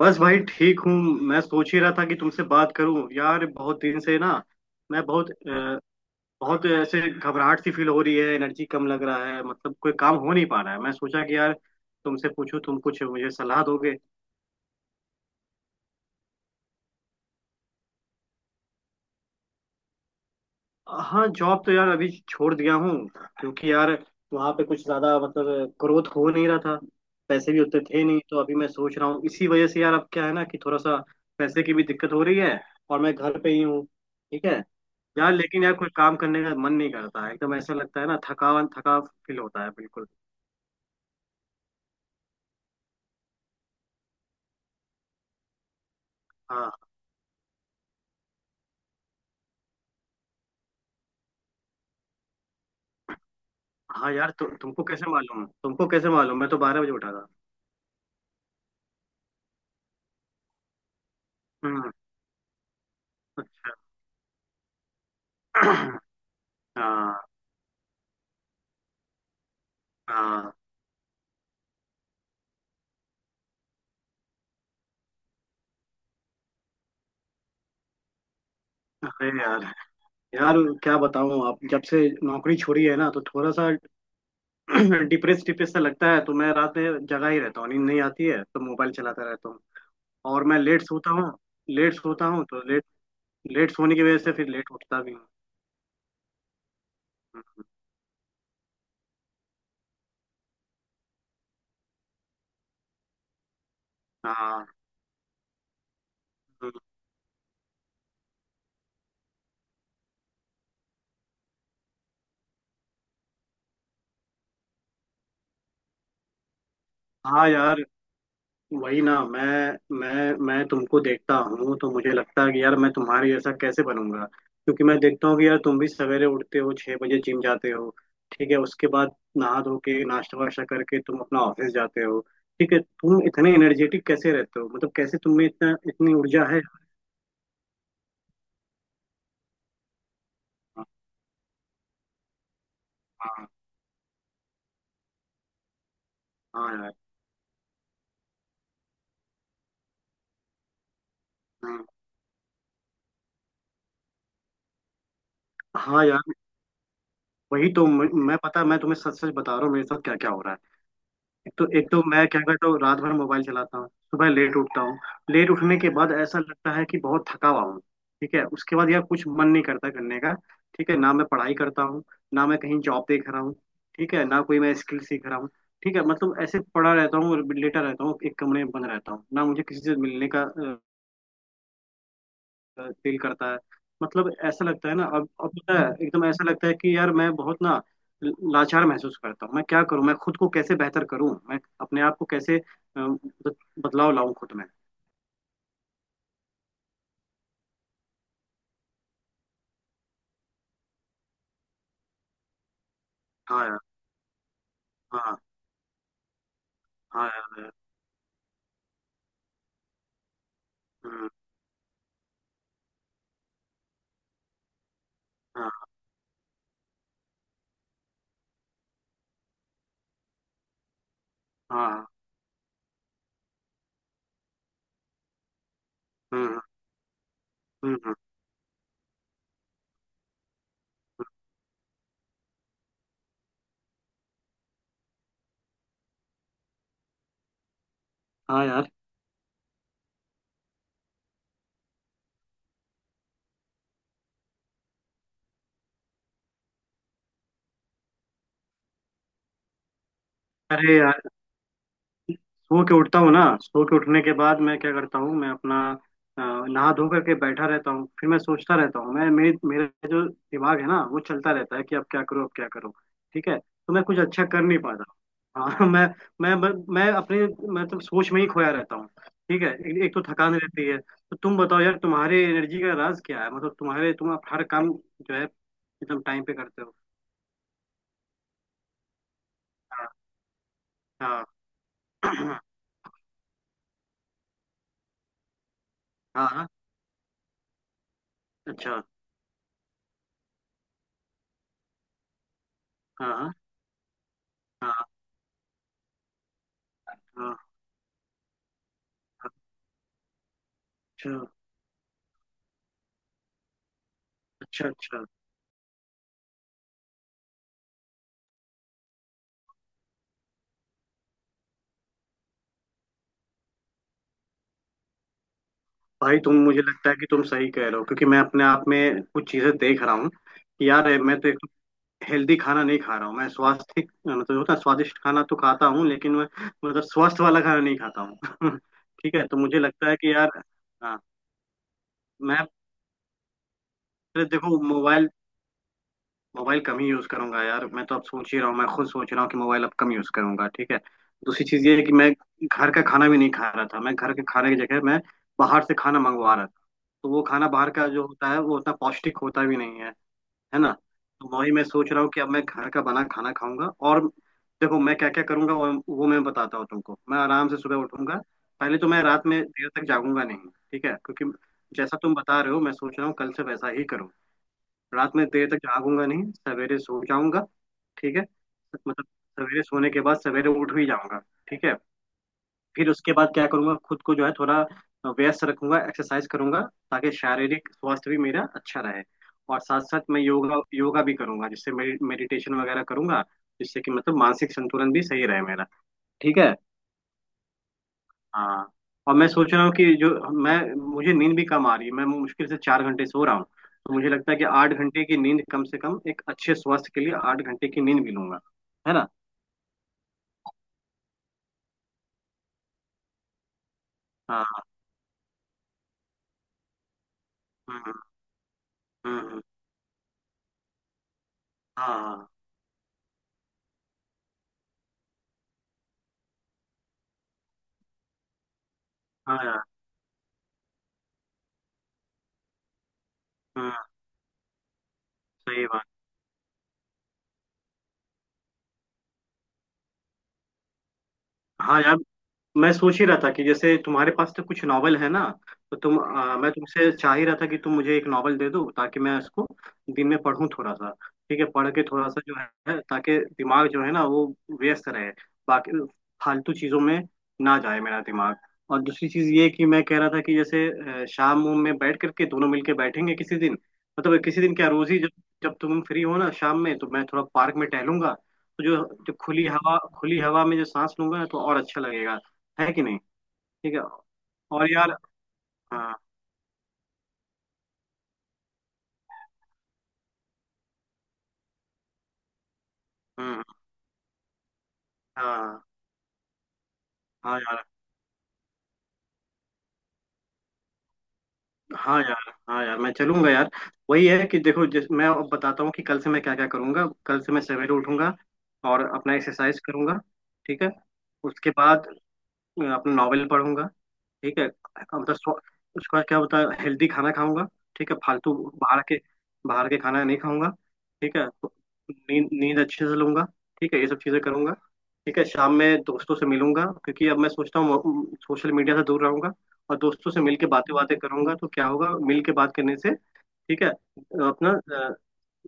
बस भाई, ठीक हूँ। मैं सोच ही रहा था कि तुमसे बात करूं, यार, बहुत दिन से ना। मैं बहुत ऐसे घबराहट सी फील हो रही है। एनर्जी कम लग रहा है, मतलब कोई काम हो नहीं पा रहा है। मैं सोचा कि यार तुमसे पूछूं, तुम कुछ मुझे सलाह दोगे। हाँ, जॉब तो यार अभी छोड़ दिया हूँ। क्योंकि यार वहाँ पे कुछ ज्यादा मतलब ग्रोथ हो नहीं रहा था। पैसे भी उतने थे नहीं, तो अभी मैं सोच रहा हूँ, इसी वजह से यार। अब क्या है ना कि थोड़ा सा पैसे की भी दिक्कत हो रही है। और मैं घर पे ही हूँ, ठीक है। यार, लेकिन यार कोई काम करने का मन नहीं करता है। एकदम ऐसा लगता है ना, थकान, थका फील होता है, बिल्कुल। हाँ। हाँ यार, तुमको कैसे मालूम? तुमको कैसे मालूम? मैं तो 12 बजे उठा था। हम्म। अच्छा। हाँ। हाँ। अरे यार, यार क्या बताऊं? आप जब से नौकरी छोड़ी है ना, तो थोड़ा सा डिप्रेस, डिप्रेस सा लगता है। तो मैं रात में जगा ही रहता हूँ, नींद नहीं आती है, तो मोबाइल चलाता रहता हूँ। और मैं लेट सोता हूँ, लेट सोता हूँ, तो लेट लेट सोने की वजह से फिर लेट उठता भी हूँ। हम्म, हाँ। हम्म। हाँ यार, वही ना। मैं तुमको देखता हूँ तो मुझे लगता है कि यार मैं तुम्हारे जैसा कैसे बनूंगा, क्योंकि मैं देखता हूँ कि यार तुम भी सवेरे उठते हो, 6 बजे जिम जाते हो। ठीक है, उसके बाद नहा धो के नाश्ता वाश्ता करके तुम अपना ऑफिस जाते हो। ठीक है, तुम इतने एनर्जेटिक कैसे रहते हो? मतलब कैसे तुम में इतना इतनी ऊर्जा है? हाँ। हाँ। हाँ यार। हम्म, हाँ यार, वही तो। मैं पता है, मैं तुम्हें सच सच बता रहा हूँ मेरे साथ क्या क्या हो रहा है। एक तो मैं क्या करता हूँ, रात भर मोबाइल चलाता हूँ, सुबह लेट उठता हूँ। लेट उठने के बाद ऐसा लगता है कि बहुत थका हुआ हूँ। ठीक है, उसके बाद यार कुछ मन नहीं करता करने का। ठीक है ना, मैं पढ़ाई करता हूँ, ना मैं कहीं जॉब देख रहा हूँ। ठीक है ना, कोई मैं स्किल सीख रहा हूँ। ठीक है, मतलब ऐसे पड़ा रहता हूँ और लेटा रहता हूँ, एक कमरे में बंद रहता हूँ, ना मुझे किसी से मिलने का फील करता है। मतलब ऐसा लगता है ना, अब पता है, एकदम ऐसा लगता है कि यार मैं बहुत ना लाचार महसूस करता हूँ। मैं क्या करूँ? मैं खुद को कैसे बेहतर करूँ? मैं अपने आप को कैसे बद- बदलाव लाऊं खुद में? हाँ यार। हाँ। हाँ यार। हम्म, हाँ। हाँ। हम्म। हम्म। हाँ यार। अरे यार, सो के उठता हूँ ना, सो के उठने के बाद मैं क्या करता हूँ, मैं अपना अ, नहा धो करके बैठा रहता हूँ। फिर मैं सोचता रहता हूँ, मैं मेरे मेरा जो दिमाग है ना वो चलता रहता है कि अब क्या करो, अब क्या करो। ठीक है, तो मैं कुछ अच्छा कर नहीं पाता। हाँ। मैं अपने, मतलब सोच में ही खोया रहता हूँ। ठीक है, एक तो थकान रहती है, तो तुम बताओ यार, तुम्हारे एनर्जी का राज क्या है? मतलब तुम्हारे तुम आप हर काम जो है एकदम टाइम पे करते हो। हाँ। हाँ। हाँ, हाँ, अच्छा। हाँ। हाँ। हाँ, हाँ, अच्छा। अच्छा। अच्छा भाई, तुम मुझे लगता है कि तुम सही कह रहे हो, क्योंकि मैं अपने आप में कुछ चीजें देख रहा हूँ कि यार मैं तो एक हेल्दी खाना नहीं खा रहा हूँ। मैं स्वास्थ्य मतलब होता है, स्वादिष्ट खाना तो खाता हूँ लेकिन मैं मतलब स्वस्थ वाला खाना नहीं खाता हूँ। ठीक है, तो मुझे लगता है कि यार, हाँ, मैं फिर देखो मोबाइल, मोबाइल कम ही यूज करूंगा यार। मैं तो अब सोच ही रहा हूँ, मैं खुद सोच रहा हूँ कि मोबाइल अब कम यूज करूंगा। ठीक है, दूसरी चीज ये है कि मैं घर का खाना भी नहीं खा रहा था, मैं घर के खाने की जगह मैं बाहर से खाना मंगवा रहा। तो वो खाना बाहर का जो होता है, वो उतना पौष्टिक होता भी नहीं है, है ना। तो वही मैं सोच रहा हूँ कि अब मैं घर का बना खाना खाऊंगा। और देखो मैं क्या क्या करूंगा, वो मैं बताता हूँ तुमको। मैं आराम से सुबह उठूंगा, पहले तो मैं रात में देर तक जागूंगा नहीं। ठीक है, क्योंकि जैसा तुम बता रहे हो, मैं सोच रहा हूँ कल से वैसा ही करूँ। रात में देर तक जागूंगा नहीं, सवेरे सो जाऊंगा। ठीक है, मतलब सवेरे सोने के बाद सवेरे उठ भी जाऊंगा। ठीक है, फिर उसके बाद क्या करूँगा, खुद को जो है थोड़ा व्यस्त रखूंगा, एक्सरसाइज करूंगा, ताकि शारीरिक स्वास्थ्य भी मेरा अच्छा रहे। और साथ साथ मैं योगा योगा भी करूंगा, जिससे मेडिटेशन वगैरह करूंगा, जिससे कि मतलब मानसिक संतुलन भी सही रहे मेरा, ठीक है। हाँ, और मैं सोच रहा हूँ कि जो, मैं, मुझे नींद भी कम आ रही है, मैं मुश्किल से 4 घंटे सो रहा हूँ। तो मुझे लगता है कि 8 घंटे की नींद, कम से कम एक अच्छे स्वास्थ्य के लिए 8 घंटे की नींद भी लूंगा, है ना। हाँ। हम्म। हम्म, हम्म, हाँ। हाँ। हाँ यार। हम्म। सही बात। हाँ यार, मैं सोच ही रहा था कि जैसे तुम्हारे पास तो कुछ नावल है ना, तो मैं तुमसे चाह ही रहा था कि तुम मुझे एक नावल दे दो, ताकि मैं इसको दिन में पढूं थोड़ा सा। ठीक है, पढ़ के थोड़ा सा जो है, ताकि दिमाग जो है ना वो व्यस्त रहे, बाकी फालतू चीजों में ना जाए मेरा दिमाग। और दूसरी चीज ये कि मैं कह रहा था कि जैसे शाम वाम में बैठ करके दोनों मिलके बैठेंगे किसी दिन, मतलब किसी दिन क्या, रोज ही जब, जब तुम फ्री हो ना शाम में, तो मैं थोड़ा पार्क में टहलूंगा। तो जो जो खुली हवा में जो सांस लूंगा ना, तो और अच्छा लगेगा, है कि नहीं। ठीक है, और यार, हाँ। हम्म, हाँ। हाँ यार। हाँ यार। हाँ यार, मैं चलूंगा यार। वही है कि देखो, जिस मैं अब बताता हूँ कि कल से मैं क्या क्या करूंगा, कल से मैं सवेरे उठूंगा और अपना एक्सरसाइज करूंगा। ठीक है, उसके बाद अपना नॉवेल पढ़ूंगा। ठीक है, मतलब उसके बाद क्या होता है, हेल्दी खाना खाऊंगा। ठीक है, फालतू बाहर के बाहर के खाना नहीं खाऊंगा। ठीक है, तो नींद नींद अच्छे से लूंगा। ठीक है, ये सब चीजें करूंगा। ठीक है, शाम में दोस्तों से मिलूंगा, क्योंकि अब मैं सोचता हूँ सोशल मीडिया से दूर रहूंगा, और दोस्तों से मिल के बातें बातें करूंगा, तो क्या होगा मिल के बात करने से। ठीक है, अपना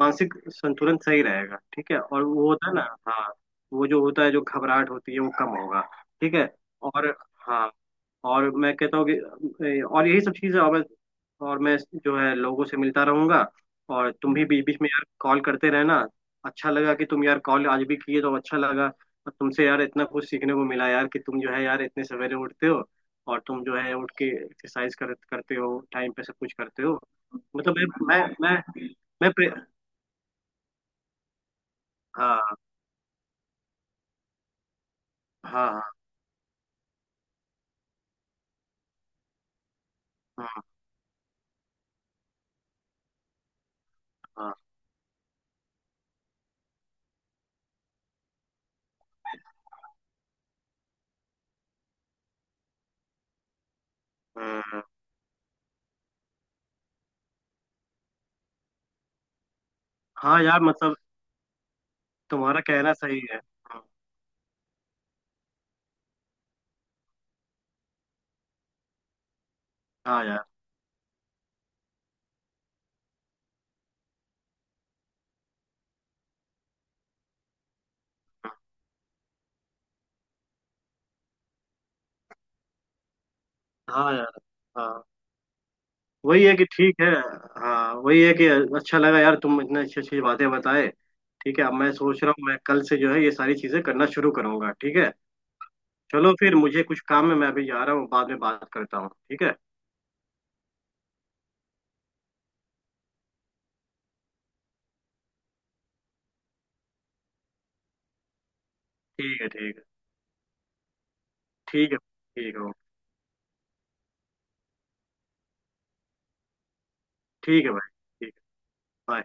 मानसिक संतुलन सही रहेगा, ठीक है, और वो होता है ना। हाँ, वो जो होता है, जो घबराहट होती है, वो कम होगा। ठीक है, और, हाँ, और मैं कहता हूँ कि और यही सब चीज़ें, और मैं जो है लोगों से मिलता रहूंगा। और तुम भी बीच बीच में यार कॉल करते रहना। अच्छा लगा कि तुम यार कॉल आज भी किए, तो अच्छा लगा। और तुमसे यार इतना कुछ सीखने को मिला यार, कि तुम जो है यार इतने सवेरे उठते हो, और तुम जो है उठ के एक्सरसाइज करते हो, टाइम पे सब कुछ करते हो। मतलब मैं मैं मैं हाँ। हाँ। हाँ। हाँ। हाँ। हम्म, हाँ यार, मतलब तुम्हारा कहना सही है। हाँ यार। हाँ। हाँ यार। हाँ, वही है कि ठीक है। हाँ, वही है कि अच्छा लगा यार, तुम इतने अच्छी अच्छी बातें बताए। ठीक है, अब मैं सोच रहा हूँ मैं कल से जो है ये सारी चीजें करना शुरू करूंगा, ठीक है। चलो फिर मुझे कुछ काम है, मैं अभी जा रहा हूँ, बाद में बात करता हूँ, ठीक है। ठीक है। ठीक है। ठीक है। ठीक है। ठीक है भाई। ठीक है। बाय।